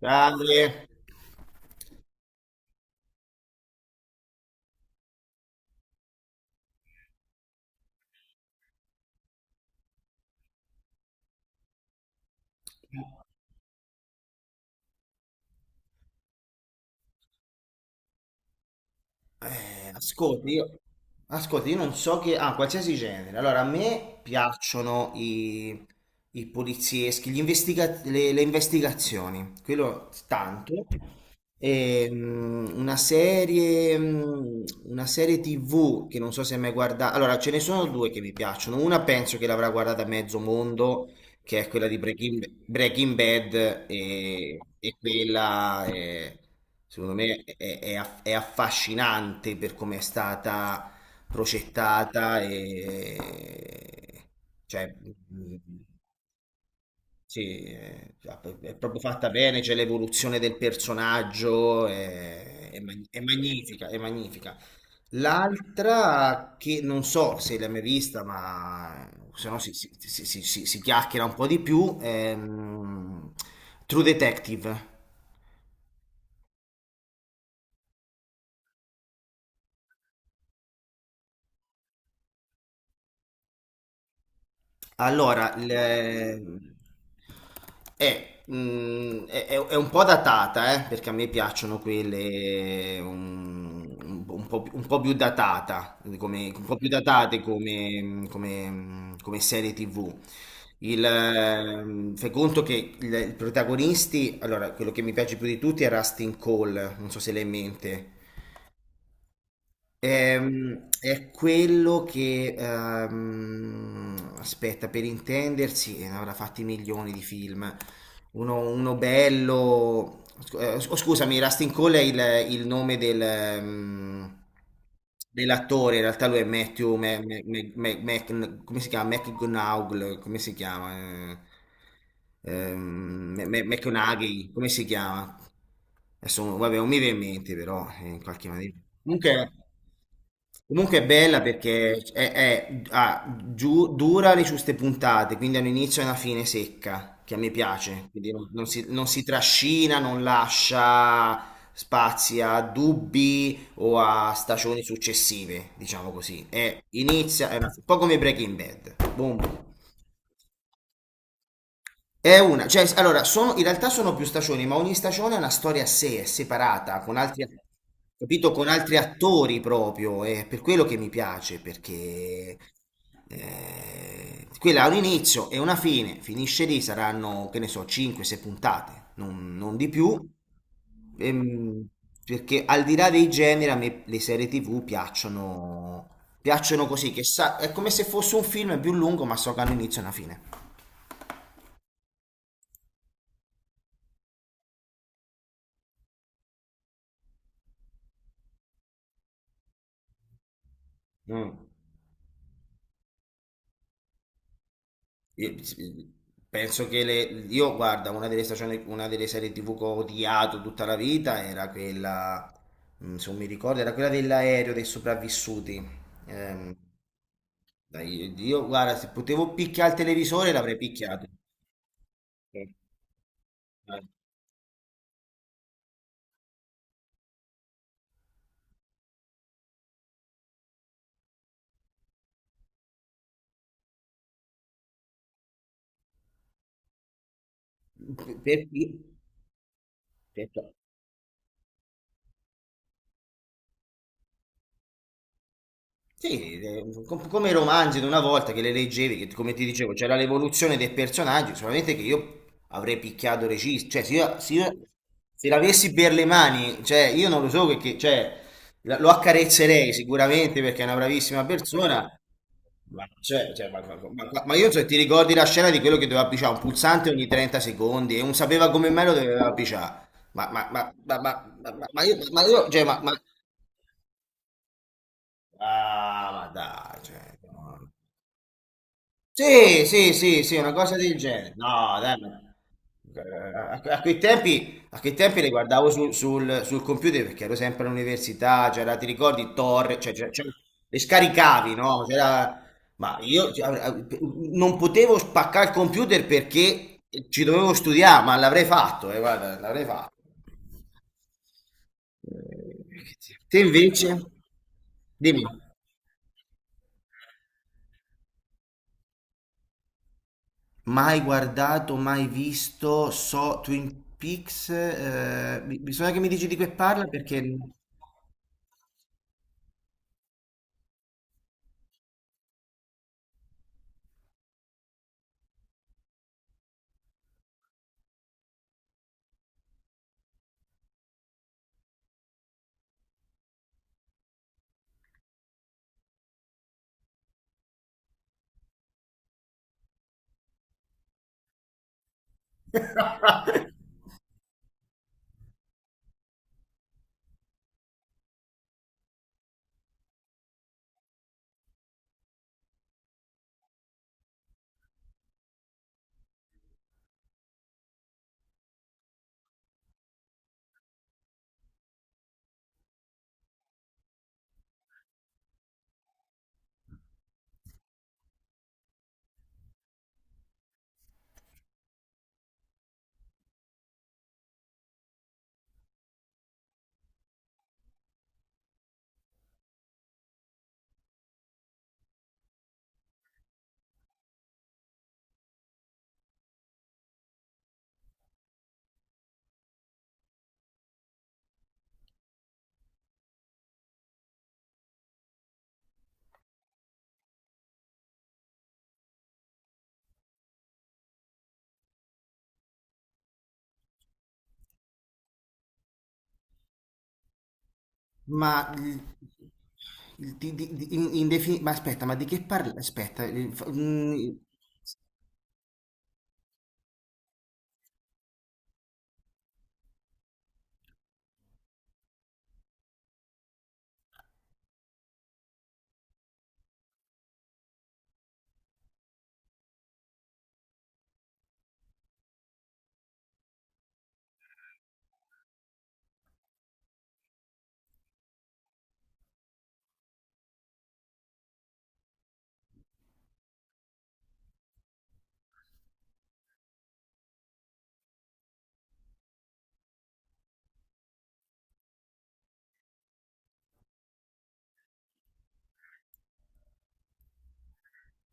Grande. Ascolta, io non so che... Ah, qualsiasi genere. Allora, a me piacciono i polizieschi, le investigazioni. Quello tanto. Una serie TV che non so se hai mai guardato. Allora, ce ne sono due che mi piacciono. Una penso che l'avrà guardata mezzo mondo, che è quella di Breaking Bad, e quella secondo me è affascinante per come è stata progettata e cioè, mm, sì, è proprio fatta bene, c'è l'evoluzione del personaggio, è magnifica, è magnifica. L'altra che non so se l'hai mai vista, ma se no si chiacchiera un po' di più, è True Detective. Allora, le- è, mm, è un po' datata, perché a me piacciono quelle un po', un po' più datate come, come serie TV. Fai conto che i protagonisti, allora, quello che mi piace più di tutti è Rustin Cole, non so se l'hai in mente. È quello che, aspetta, per intendersi, ne avrà fatti milioni di film. Uno bello, scusami, Rustin Cole è il nome dell'attore, in realtà lui è Matthew, come si chiama? McGonagall, come si chiama? McConaughey, come si chiama? Adesso, vabbè, non mi viene in mente però, in qualche maniera. Comunque... Comunque è bella perché dura le giuste puntate, quindi ha un inizio e una fine secca, che a me piace. Quindi non si trascina, non lascia spazi a dubbi o a stagioni successive, diciamo così. È, inizia, è una- un po' come Breaking Bad. Boom. È una, cioè, s- allora, sono, in realtà sono più stagioni, ma ogni stagione è una storia a sé, è separata, con altri, capito? Con altri attori proprio, è per quello che mi piace, perché quella ha un inizio e una fine, finisce lì, saranno, che ne so, 5-6 puntate, non di più. Ehm, perché al di là dei generi, a me le serie TV piacciono, piacciono così, che sa, è come se fosse un film più lungo, ma so che hanno inizio e una fine. Mm. Sì, penso che io, guarda, una delle serie TV che ho odiato tutta la vita era quella, se non mi ricordo, era quella dell'aereo dei sopravvissuti. Ehm, dai, io, guarda, se potevo picchiare il televisore l'avrei picchiato. Eh, eh, per- per- per- Sì, come i romanzi di una volta che le leggevi, che come ti dicevo, c'era l'evoluzione dei personaggi, solamente che io avrei picchiato regista, cioè se l'avessi per le mani, cioè io non lo so cioè, lo accarezzerei sicuramente perché è una bravissima persona, ma, cioè, ma io cioè, ti ricordi la scena di quello che doveva picciare un pulsante ogni 30 secondi e non sapeva come mai lo doveva picciare, ma io. Ah, ma dai, cioè, no. Sì, sì, sì, sì, una cosa del genere. No, dai, a quei tempi le guardavo sul computer perché ero sempre all'università, c'era, ti ricordi, Torre, le scaricavi, no? Ma io cioè, non potevo spaccare il computer perché ci dovevo studiare, ma l'avrei fatto, guarda, l'avrei fatto. Eh, Te invece, dimmi. Mai guardato, mai visto, so Twin Peaks, bisogna che mi dici di che parla perché... Ma, il- di- in- in defini- ma aspetta, ma di che parla? Aspetta,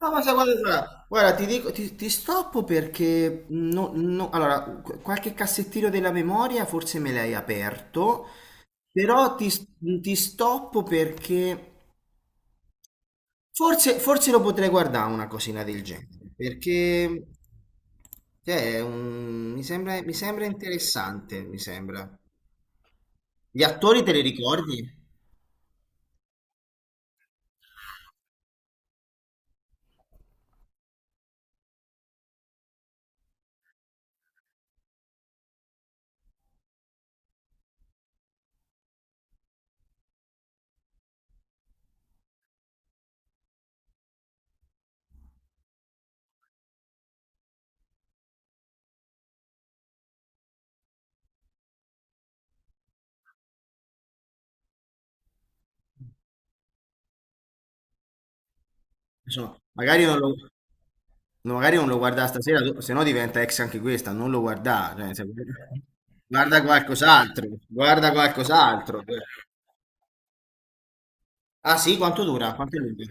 no, ma sai, guarda, guarda, guarda, ti dico, ti stoppo perché... allora, qualche cassettino della memoria forse me l'hai aperto, però ti stoppo perché... Forse, forse lo potrei guardare una cosina del genere, perché cioè, mi sembra interessante, mi sembra. Gli attori te li ricordi? Insomma, magari non lo, no, magari non lo guarda stasera, se no diventa ex anche questa, non lo guarda, cioè, guarda qualcos'altro, guarda qualcos'altro. Ah sì, quanto dura? Quanto è lungo?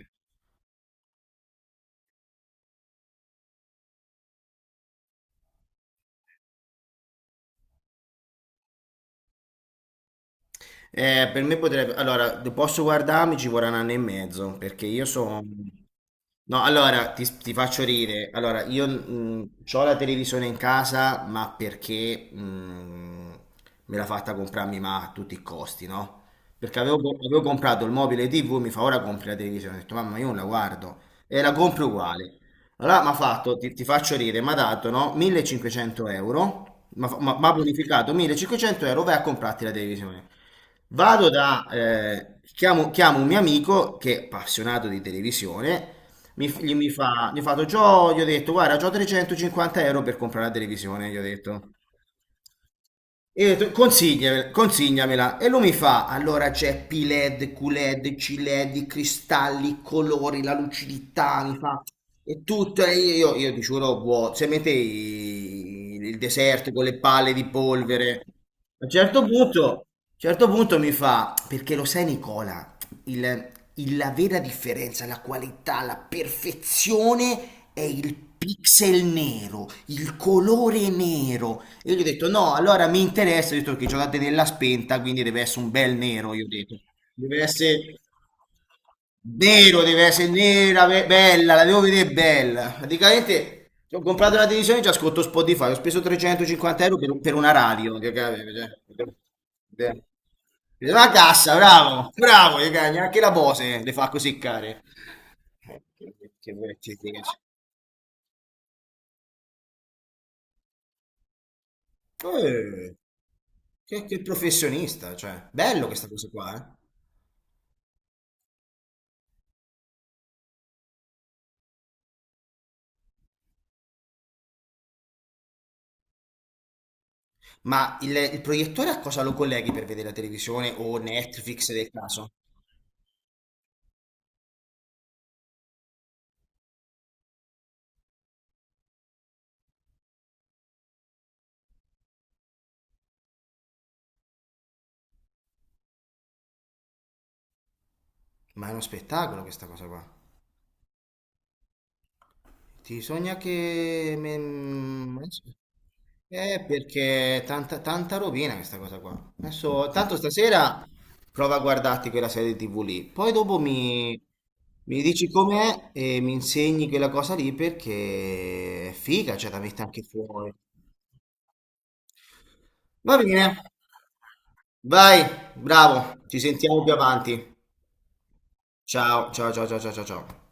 Per me potrebbe... Allora, posso guardarmi, ci vorrà un anno e mezzo, perché io sono... No, allora, ti faccio ridere. Allora, io ho la televisione in casa, ma perché me l'ha fatta comprarmi ma a tutti i costi, no? Perché avevo comprato il mobile TV, mi fa ora compri la televisione. Ho detto, mamma, io non la guardo. E la compro uguale. Allora, mi ha fatto, ti faccio ridere, mi ha dato, no? 1.500 euro, mi ha fa- mi ha bonificato 1.500 euro, vai a comprarti la televisione. Vado da, chiamo un mio amico che è appassionato di televisione, mi, f- gli mi fa, gli ho fatto, "Gio", gli ho detto, guarda, c'ho 350 euro per comprare la televisione, gli ho detto. Io ho detto, consigliamela, consigliamela. E lui mi fa, allora c'è P-LED, Q-LED, C-LED, i cristalli, i colori, la lucidità, mi fa, e tutto. Io ti giuro, se mette il deserto con le palle di polvere, a un certo punto, a un certo punto mi fa, perché lo sai Nicola, il- la vera differenza, la qualità, la perfezione è il pixel nero, il colore nero. Io gli ho detto no, allora mi interessa, ho detto che giocate nella spenta, quindi deve essere un bel nero, io ho detto. Deve essere nero, deve essere nera, bella, la devo vedere bella. Praticamente ho comprato una televisione e già ascolto Spotify, ho speso 350 euro per una radio, cioè, eh. La cassa, bravo, bravo, che cagna, anche la Bose le fa così care. Eh, Che, che, che- che- che- eh, che professionista, cioè, bello questa cosa qua, eh. Ma il proiettore a cosa lo colleghi per vedere la televisione o Netflix del caso? Ma è uno spettacolo questa cosa qua. Ti sogna che... adesso... perché è tanta, tanta rovina questa cosa qua. Adesso, tanto stasera prova a guardarti quella serie TV lì. Poi dopo mi dici com'è e mi insegni quella cosa lì perché è figa, cioè la metti anche fuori. Va bene, vai, bravo, ci sentiamo più avanti. Ciao, ciao, ciao, ciao, ciao, ciao, ciao.